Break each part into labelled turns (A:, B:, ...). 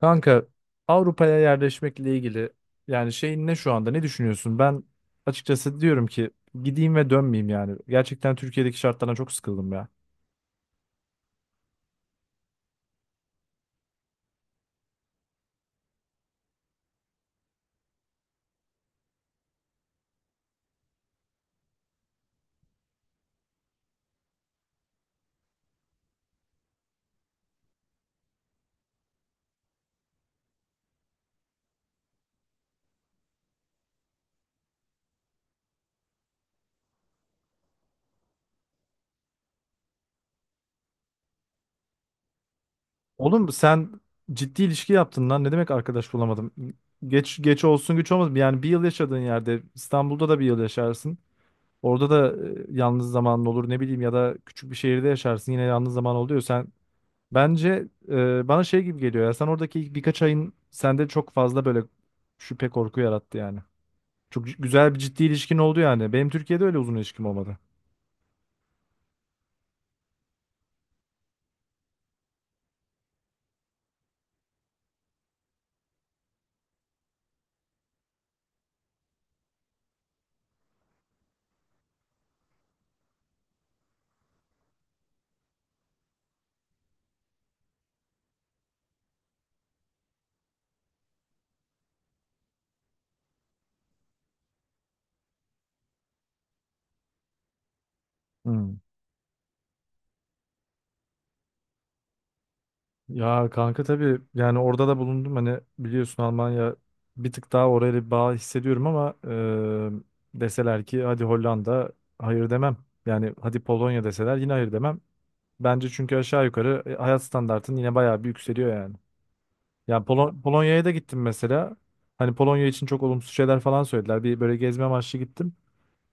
A: Kanka, Avrupa'ya yerleşmekle ilgili yani şeyin ne şu anda ne düşünüyorsun? Ben açıkçası diyorum ki gideyim ve dönmeyeyim yani. Gerçekten Türkiye'deki şartlardan çok sıkıldım ya. Oğlum sen ciddi ilişki yaptın lan, ne demek arkadaş bulamadım? Geç geç olsun güç olmasın yani, bir yıl yaşadığın yerde İstanbul'da da bir yıl yaşarsın. Orada da yalnız zamanın olur, ne bileyim, ya da küçük bir şehirde yaşarsın, yine yalnız zaman oluyor. Bence bana şey gibi geliyor ya. Sen oradaki ilk birkaç ayın sende çok fazla böyle şüphe korku yarattı yani. Güzel bir ciddi ilişkin oldu yani. Benim Türkiye'de öyle uzun ilişkim olmadı. Hmm. Ya kanka, tabii yani orada da bulundum, hani biliyorsun Almanya bir tık daha, oraya bir bağ hissediyorum ama deseler ki hadi Hollanda, hayır demem. Yani hadi Polonya deseler, yine hayır demem. Bence çünkü aşağı yukarı hayat standartın yine bayağı bir yükseliyor yani. Yani Polonya'ya da gittim mesela. Hani Polonya için çok olumsuz şeyler falan söylediler. Bir böyle gezme amaçlı gittim.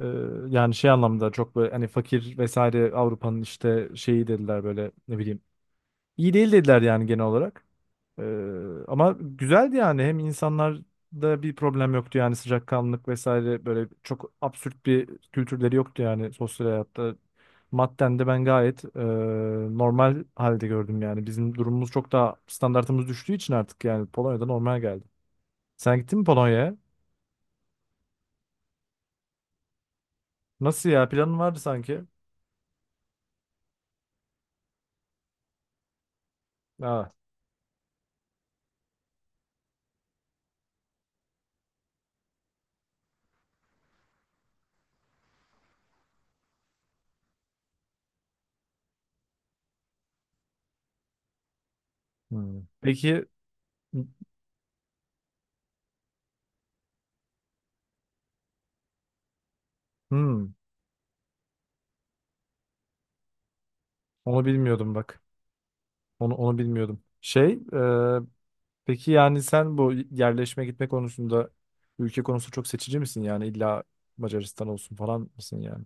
A: Ee, yani şey anlamda çok böyle hani fakir vesaire Avrupa'nın işte şeyi dediler, böyle ne bileyim, İyi değil dediler yani genel olarak. Ee, ama güzeldi yani. Hem insanlarda bir problem yoktu yani, sıcakkanlılık vesaire, böyle çok absürt bir kültürleri yoktu yani sosyal hayatta. Madden de ben gayet normal halde gördüm yani. Bizim durumumuz çok daha, standartımız düştüğü için artık, yani Polonya'da normal geldi. Sen gittin mi Polonya'ya? Nasıl ya? Planın vardı sanki. Aa. Hmm. Peki. Hmm, onu bilmiyordum bak. Onu bilmiyordum. Peki yani sen bu yerleşme gitme konusunda ülke konusu çok seçici misin yani, illa Macaristan olsun falan mısın yani?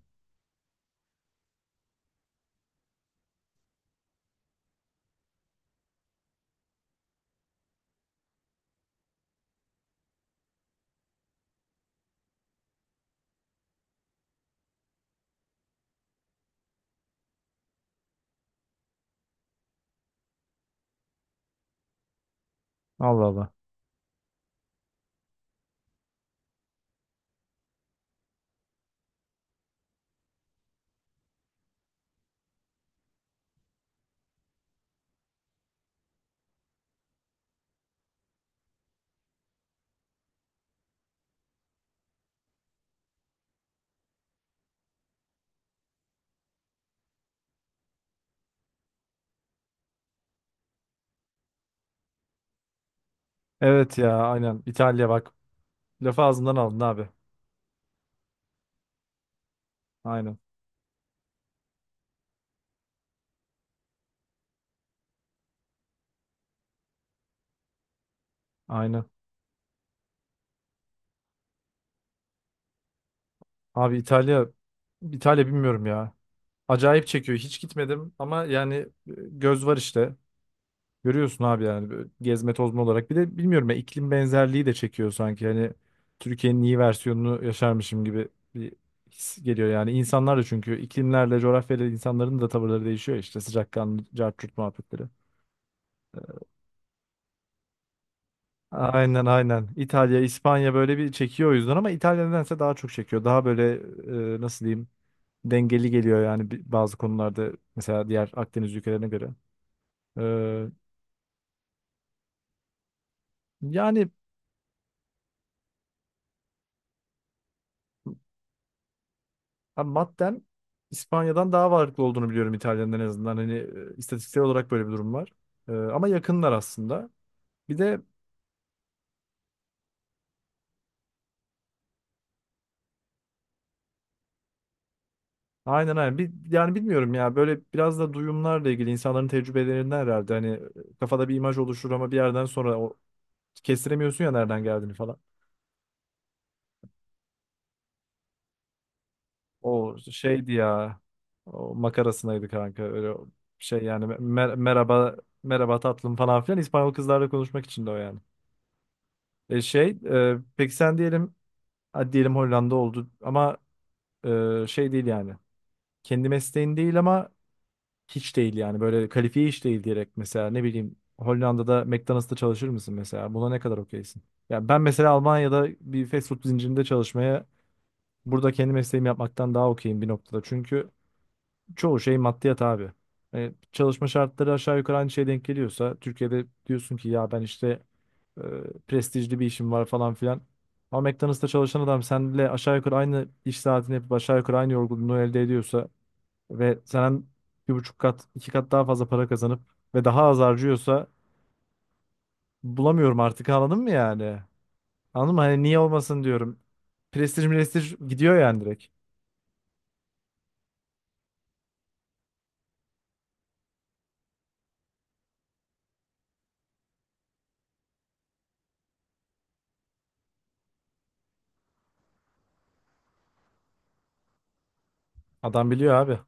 A: Allah Allah. Evet ya, aynen İtalya bak, lafı ağzından aldın abi. Aynen aynen. Abi İtalya, bilmiyorum ya. Acayip çekiyor. Hiç gitmedim ama yani göz var işte. Görüyorsun abi yani, böyle gezme tozma olarak. Bir de bilmiyorum ya, iklim benzerliği de çekiyor sanki. Hani Türkiye'nin iyi versiyonunu yaşarmışım gibi bir his geliyor yani. İnsanlar da çünkü iklimlerle, coğrafyayla insanların da tavırları değişiyor ya, işte sıcakkanlı, cart curt muhabbetleri. Aynen aynen. İtalya, İspanya böyle bir çekiyor o yüzden, ama İtalya nedense daha çok çekiyor. Daha böyle nasıl diyeyim, dengeli geliyor yani bazı konularda mesela, diğer Akdeniz ülkelerine göre. Ee, yani Abi maddem İspanya'dan daha varlıklı olduğunu biliyorum İtalya'nın, en azından. Hani istatistiksel olarak böyle bir durum var. E, ama yakınlar aslında. Bir de aynen aynen. Bir, yani bilmiyorum ya, böyle biraz da duyumlarla ilgili, insanların tecrübelerinden herhalde. Hani kafada bir imaj oluşur ama bir yerden sonra o, kestiremiyorsun ya nereden geldiğini falan. O şeydi ya. O makarasındaydı kanka. Öyle o şey yani merhaba, tatlım falan filan, İspanyol kızlarla konuşmak için de o yani. Peki sen diyelim, hadi diyelim Hollanda oldu ama şey değil yani. Kendi mesleğin değil ama hiç değil yani. Böyle kalifiye hiç değil diyerek, mesela ne bileyim, Hollanda'da McDonald's'ta çalışır mısın mesela? Buna ne kadar okeysin? Ya ben mesela Almanya'da bir fast food zincirinde çalışmaya, burada kendi mesleğimi yapmaktan daha okeyim bir noktada. Çünkü çoğu şey maddiyat abi. E, çalışma şartları aşağı yukarı aynı şeye denk geliyorsa, Türkiye'de diyorsun ki ya ben işte e, prestijli bir işim var falan filan. Ama McDonald's'ta çalışan adam seninle aşağı yukarı aynı iş saatini yapıp, aşağı yukarı aynı yorgunluğu elde ediyorsa ve senden bir buçuk kat, iki kat daha fazla para kazanıp ve daha az harcıyorsa, bulamıyorum artık, anladın mı yani? Anladın mı? Hani niye olmasın diyorum. Prestij prestij gidiyor yani, direkt. Adam biliyor abi.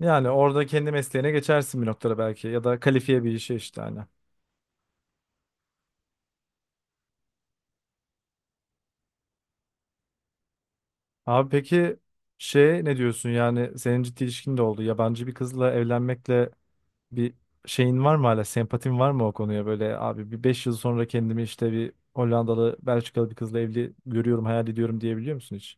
A: Yani orada kendi mesleğine geçersin bir noktada belki, ya da kalifiye bir işe işte, hani. Abi peki şey, ne diyorsun yani, senin ciddi ilişkin de oldu. Yabancı bir kızla evlenmekle bir şeyin var mı, hala sempatin var mı o konuya, böyle abi bir 5 yıl sonra kendimi işte bir Hollandalı Belçikalı bir kızla evli görüyorum, hayal ediyorum diyebiliyor musun hiç?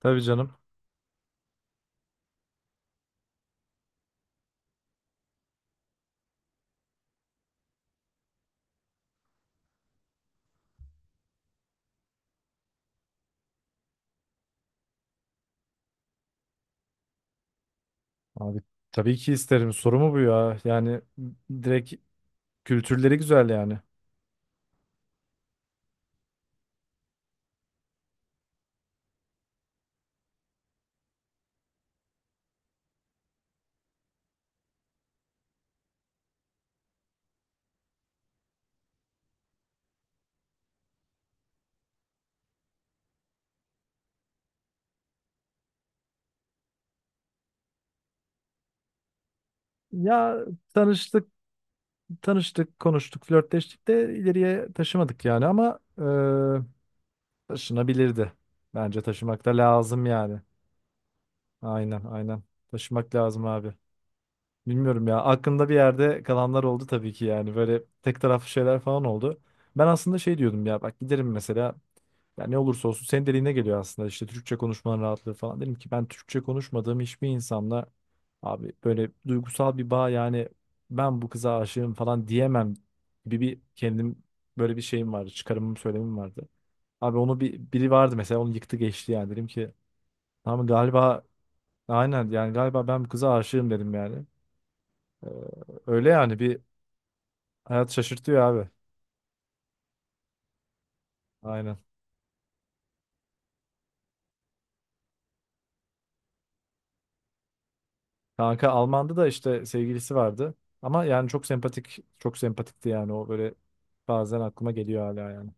A: Tabii canım. Abi tabii ki isterim, soru mu bu ya yani, direkt kültürleri güzel yani. Ya tanıştık, konuştuk, flörtleştik de ileriye taşımadık yani, ama taşınabilirdi. Bence taşımak da lazım yani. Aynen, aynen. Taşımak lazım abi. Bilmiyorum ya. Aklımda bir yerde kalanlar oldu tabii ki yani. Böyle tek taraflı şeyler falan oldu. Ben aslında şey diyordum ya bak, giderim mesela, ya ne olursa olsun senin dediğine geliyor aslında işte, Türkçe konuşmanın rahatlığı falan. Dedim ki ben Türkçe konuşmadığım hiçbir insanla abi böyle duygusal bir bağ yani, ben bu kıza aşığım falan diyemem gibi bir kendim, böyle bir şeyim vardı. Çıkarımım, söylemim vardı. Abi onu bir, biri vardı mesela, onu yıktı geçti yani, dedim ki tamam galiba, aynen yani, galiba ben bu kıza aşığım dedim yani. Ee, öyle yani bir, hayat şaşırtıyor abi. Aynen. Kanka Alman'da da işte sevgilisi vardı. Ama yani çok sempatik, çok sempatikti yani o, böyle bazen aklıma geliyor hala yani.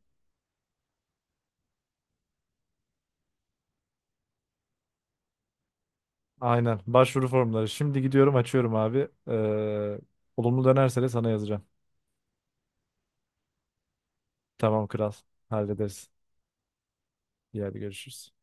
A: Aynen. Başvuru formları. Şimdi gidiyorum açıyorum abi. Olumlu dönerse de sana yazacağım. Tamam kral. Hallederiz. İyi hadi, görüşürüz.